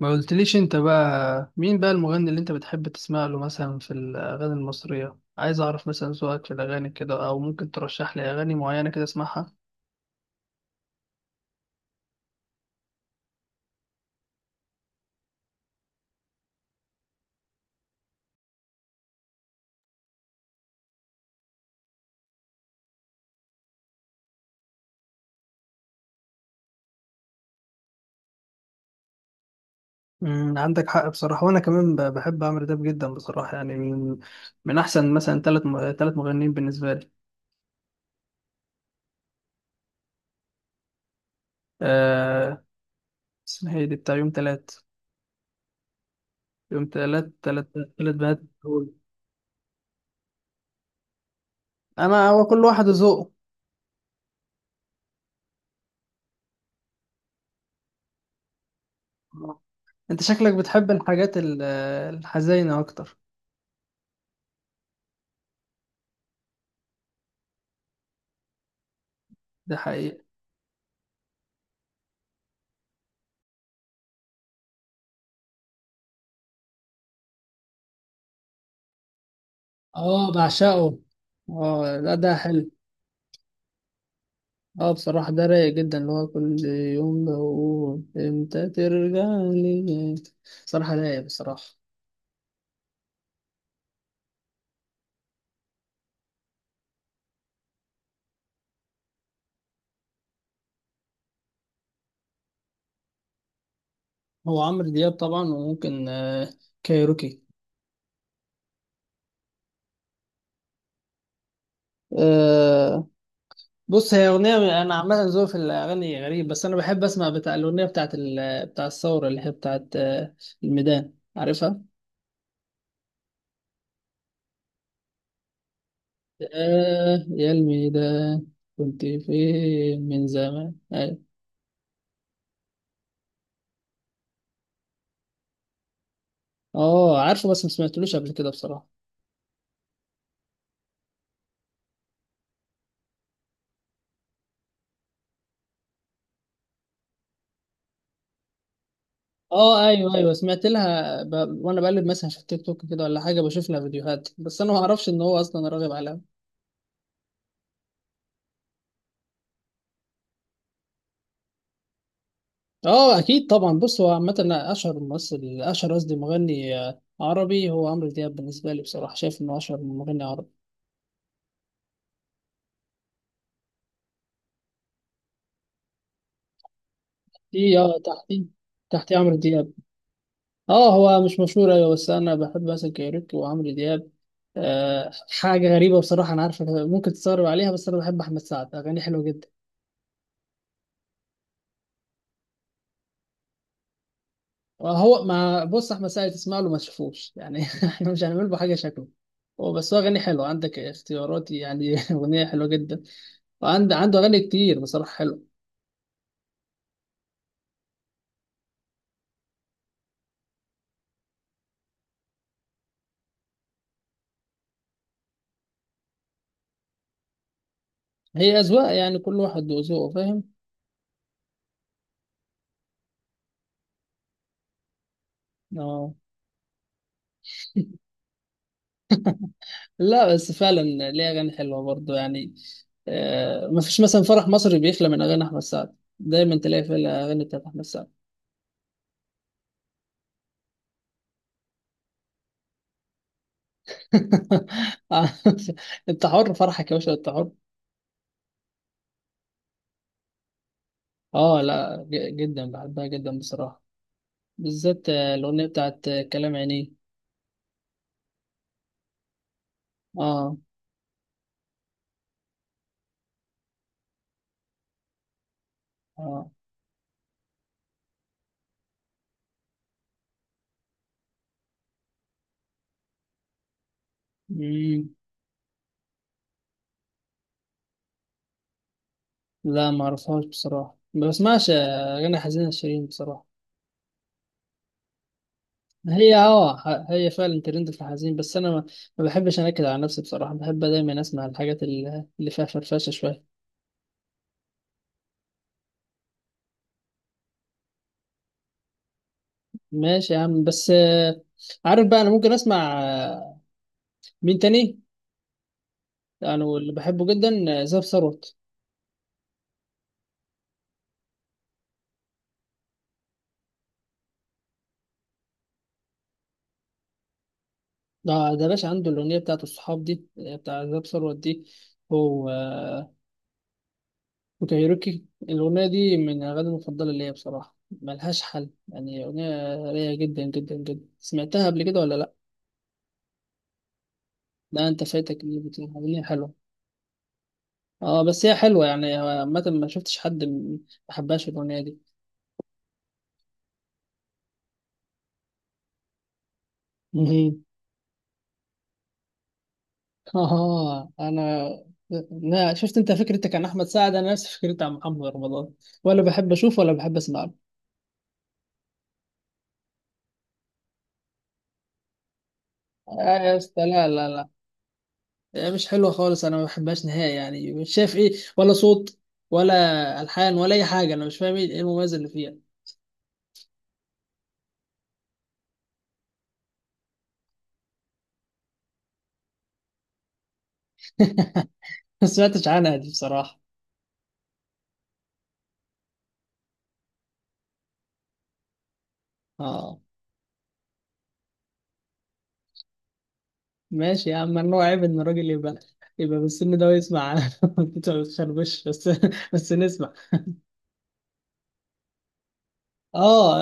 ما قلتليش انت بقى مين بقى المغني اللي انت بتحب تسمع له مثلا في الاغاني المصريه؟ عايز اعرف مثلا ذوقك في الاغاني كده، او ممكن ترشح لي اغاني معينه كده اسمعها. عندك حق بصراحه، وانا كمان بحب عمرو دياب جدا بصراحه، يعني من احسن مثلا ثلاث مغنيين بالنسبه لي. آه اسمها ايه دي، بتاع يوم ثلاث ثلاث ثلاث بنات دول. انا هو كل واحد ذوقه. انت شكلك بتحب الحاجات الحزينه اكتر. ده حقيقي. اه بعشقه. اه لا، ده حلو. اه بصراحة ده رايق جدا، اللي هو كل يوم بقول امتى ترجع لي. بصراحة رايق بصراحة. هو عمرو دياب طبعا، وممكن كايروكي. آه بص هي أغنية، أنا عامة ذوقي في الأغاني غريب، بس أنا بحب أسمع بتاع الأغنية بتاعت بتاع الثورة اللي هي بتاعت الميدان، عارفها؟ آه يا الميدان كنت فين من زمان، أيوة. اه عارفه، بس ما سمعتلوش قبل كده بصراحة. اه ايوه ايوه، سمعت لها وانا بقلب مثلا في التيك توك كده ولا حاجه بشوف لها فيديوهات، بس انا ما اعرفش ان هو اصلا راغب عليها. اه اكيد طبعا، بص هو عامه أنا اشهر ممثل اشهر قصدي مغني عربي هو عمرو دياب، بالنسبه لي بصراحه شايف انه اشهر مغني عربي. دي اه تحتي عمرو دياب. اه هو مش مشهور، ايوه، بس انا بحب مثلا كايروكي وعمرو دياب. آه حاجه غريبه بصراحه، انا عارفه ممكن تستغرب عليها، بس انا بحب احمد سعد، اغانيه حلوه جدا. هو ما بص احمد سعد تسمع له ما تشوفوش يعني. احنا مش هنعمل له حاجه شكله. هو بس هو اغاني حلوه عندك اختياراتي يعني. اغنيه حلوه جدا، وعنده عنده اغاني كتير بصراحه حلوه. هي اذواق يعني، كل واحد وذوقه، فاهم. اه. لا بس فعلا، ليه اغاني حلوه برضه يعني، ما فيش مثلا فرح مصري بيخلى من اغاني احمد سعد، دايما تلاقي فيه الاغاني بتاعت احمد سعد. انت حر فرحك يا باشا، انت حر. اه لا، جدا بحبها جدا بصراحه، بالذات الأغنية بتاعت كلام عينيه. اه. اه. مم. لا ما اعرفهاش بصراحة، ما بسمعش أغاني حزينة شيرين بصراحة. هي اه هي فعلا ترند في الحزين، بس أنا ما بحبش أنكد على نفسي بصراحة، بحب دايما أسمع الحاجات اللي فيها فرفشة شوية. ماشي يا عم، بس عارف بقى أنا ممكن أسمع مين تاني يعني، واللي بحبه جدا زاب ثروت. ده باشا عنده الأغنية بتاعت الصحاب دي بتاع زاب ثروت دي، هو وكايروكي. الأغنية دي من الأغاني المفضلة ليا بصراحة، ملهاش حل يعني، أغنية رايقة جدا جدا جدا. سمعتها قبل كده ولا لأ؟ لا أنت فايتك اللي بتقول أغنية حلوة، أه بس هي حلوة يعني، عامة ما شفتش حد ما حبهاش الأغنية دي. مهم. أه أنا، لا شفت أنت فكرتك عن أحمد سعد أنا نفس فكرتي عن محمد رمضان، ولا بحب أشوفه ولا بحب أسمع له. يا أسطى، لا لا لا، مش حلوه خالص، انا ما بحبهاش نهائي يعني، مش شايف ايه، ولا صوت، ولا الحان، ولا اي حاجه، انا مش فاهم ايه، إيه المميز اللي فيها. ما سمعتش عنها دي بصراحه. اه ماشي يا عم، ممنوع عيب ان الراجل يبقى بالسن ده ويسمع انت ما بتخربش. بس نسمع. اه.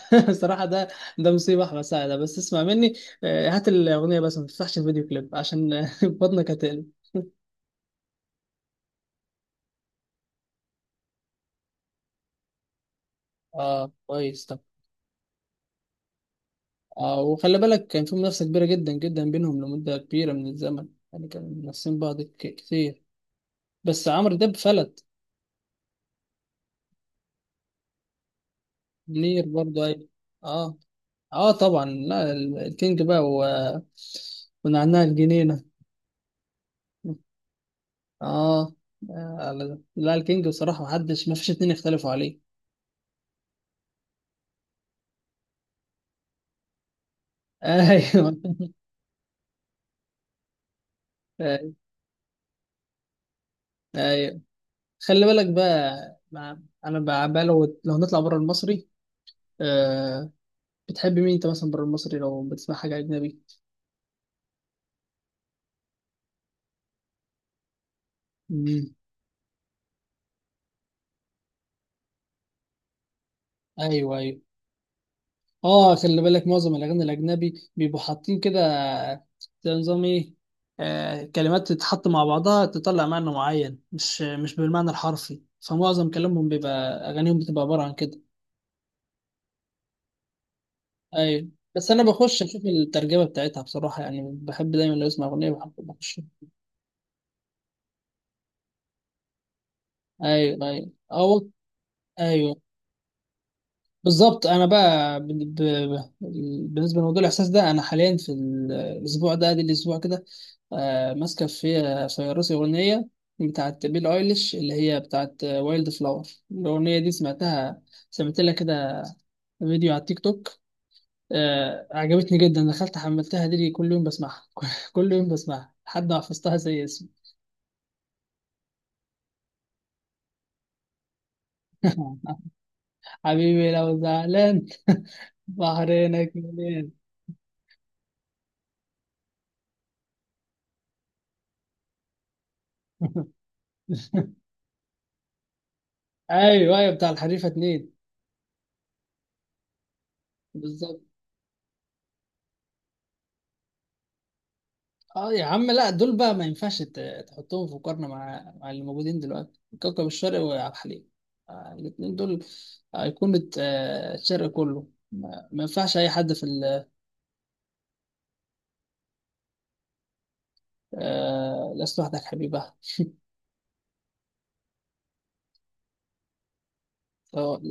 بصراحه ده مصيبه احمد سعد ده. بس اسمع مني هات الاغنيه بس ما تفتحش الفيديو كليب عشان بطنك هتقلب. اه كويس، طب وخلي بالك كان في منافسة كبيرة جدا جدا بينهم لمدة كبيرة من الزمن، يعني كانوا منافسين بعض كتير، بس عمرو دياب فلت. منير برضه، أيوة. اه اه طبعا، لا الكينج بقى ونعناع الجنينة. اه. لا الكينج بصراحة محدش، مفيش اتنين يختلفوا عليه. ايوه ايوه. أيوة. خلي بالك بقى مع... انا بقى لو نطلع بره المصري، آه... بتحب مين انت مثلا بره المصري لو بتسمع حاجة أجنبي؟ ايوه ايوه. اه خلي بالك معظم الاغاني الاجنبي بيبقوا حاطين كده زي نظام ايه، كلمات تتحط مع بعضها تطلع معنى معين، مش بالمعنى الحرفي، فمعظم كلامهم بيبقى اغانيهم بتبقى عباره عن كده. ايوه بس انا بخش اشوف الترجمه بتاعتها بصراحه، يعني بحب دايما لو اسمع اغنيه بحب بخش. ايوه ايوه أو ايوه بالظبط. انا بقى ب... بالنسبه لموضوع الاحساس ده، انا حاليا في الاسبوع ده ادي الاسبوع كده، ماسكه في راسي اغنيه بتاعت بيل ايليش اللي هي بتاعت وايلد فلاور، الاغنيه دي سمعتها، سمعت لها كده فيديو على التيك توك، عجبتني جدا، دخلت حملتها دي كل يوم بسمعها. كل يوم بسمعها لحد ما حفظتها زي اسمي. حبيبي لو زعلان بحرينك منين. ايوه ايوه، بتاع الحريفه اتنين، بالظبط. اه يا عم، لا دول بقى ما ينفعش تحطهم في مقارنة مع اللي موجودين دلوقتي، كوكب الشرق وعبد الحليم، الاتنين دول أيقونة الشرق كله، ما ينفعش أي حد في لست وحدك حبيبة. آه،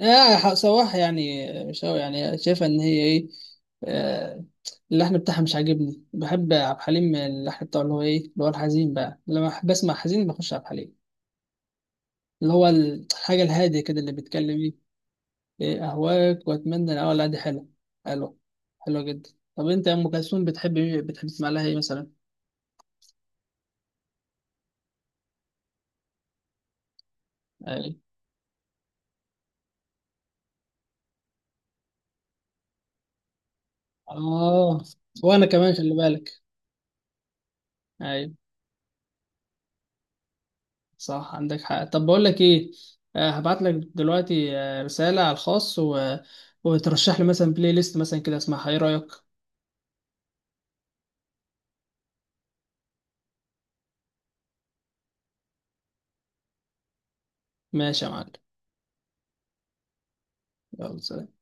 يا صباح يعني مش أوي يعني، شايفة إن هي إيه، آه، اللحن بتاعها مش عاجبني، بحب عبد الحليم اللحن بتاعه اللي هو إيه، اللي هو الحزين بقى، لما بحب أسمع حزين بخش عبد الحليم، اللي هو الحاجة الهادية كده اللي بيتكلم. ايه، اهواك واتمنى ان، اه لا دي حلوه، حلوه حلوه جدا. طب انت يا ام كلثوم بتحب، تسمع لها ايه مثلا؟ ايوه. اه وانا كمان خلي بالك. ايوه صح عندك حق، طب بقول لك ايه، هبعت لك دلوقتي رساله على الخاص وترشح لي مثلا بلاي ليست مثلا كده اسمعها، ايه رايك؟ ماشي يا معلم، يلا سلام.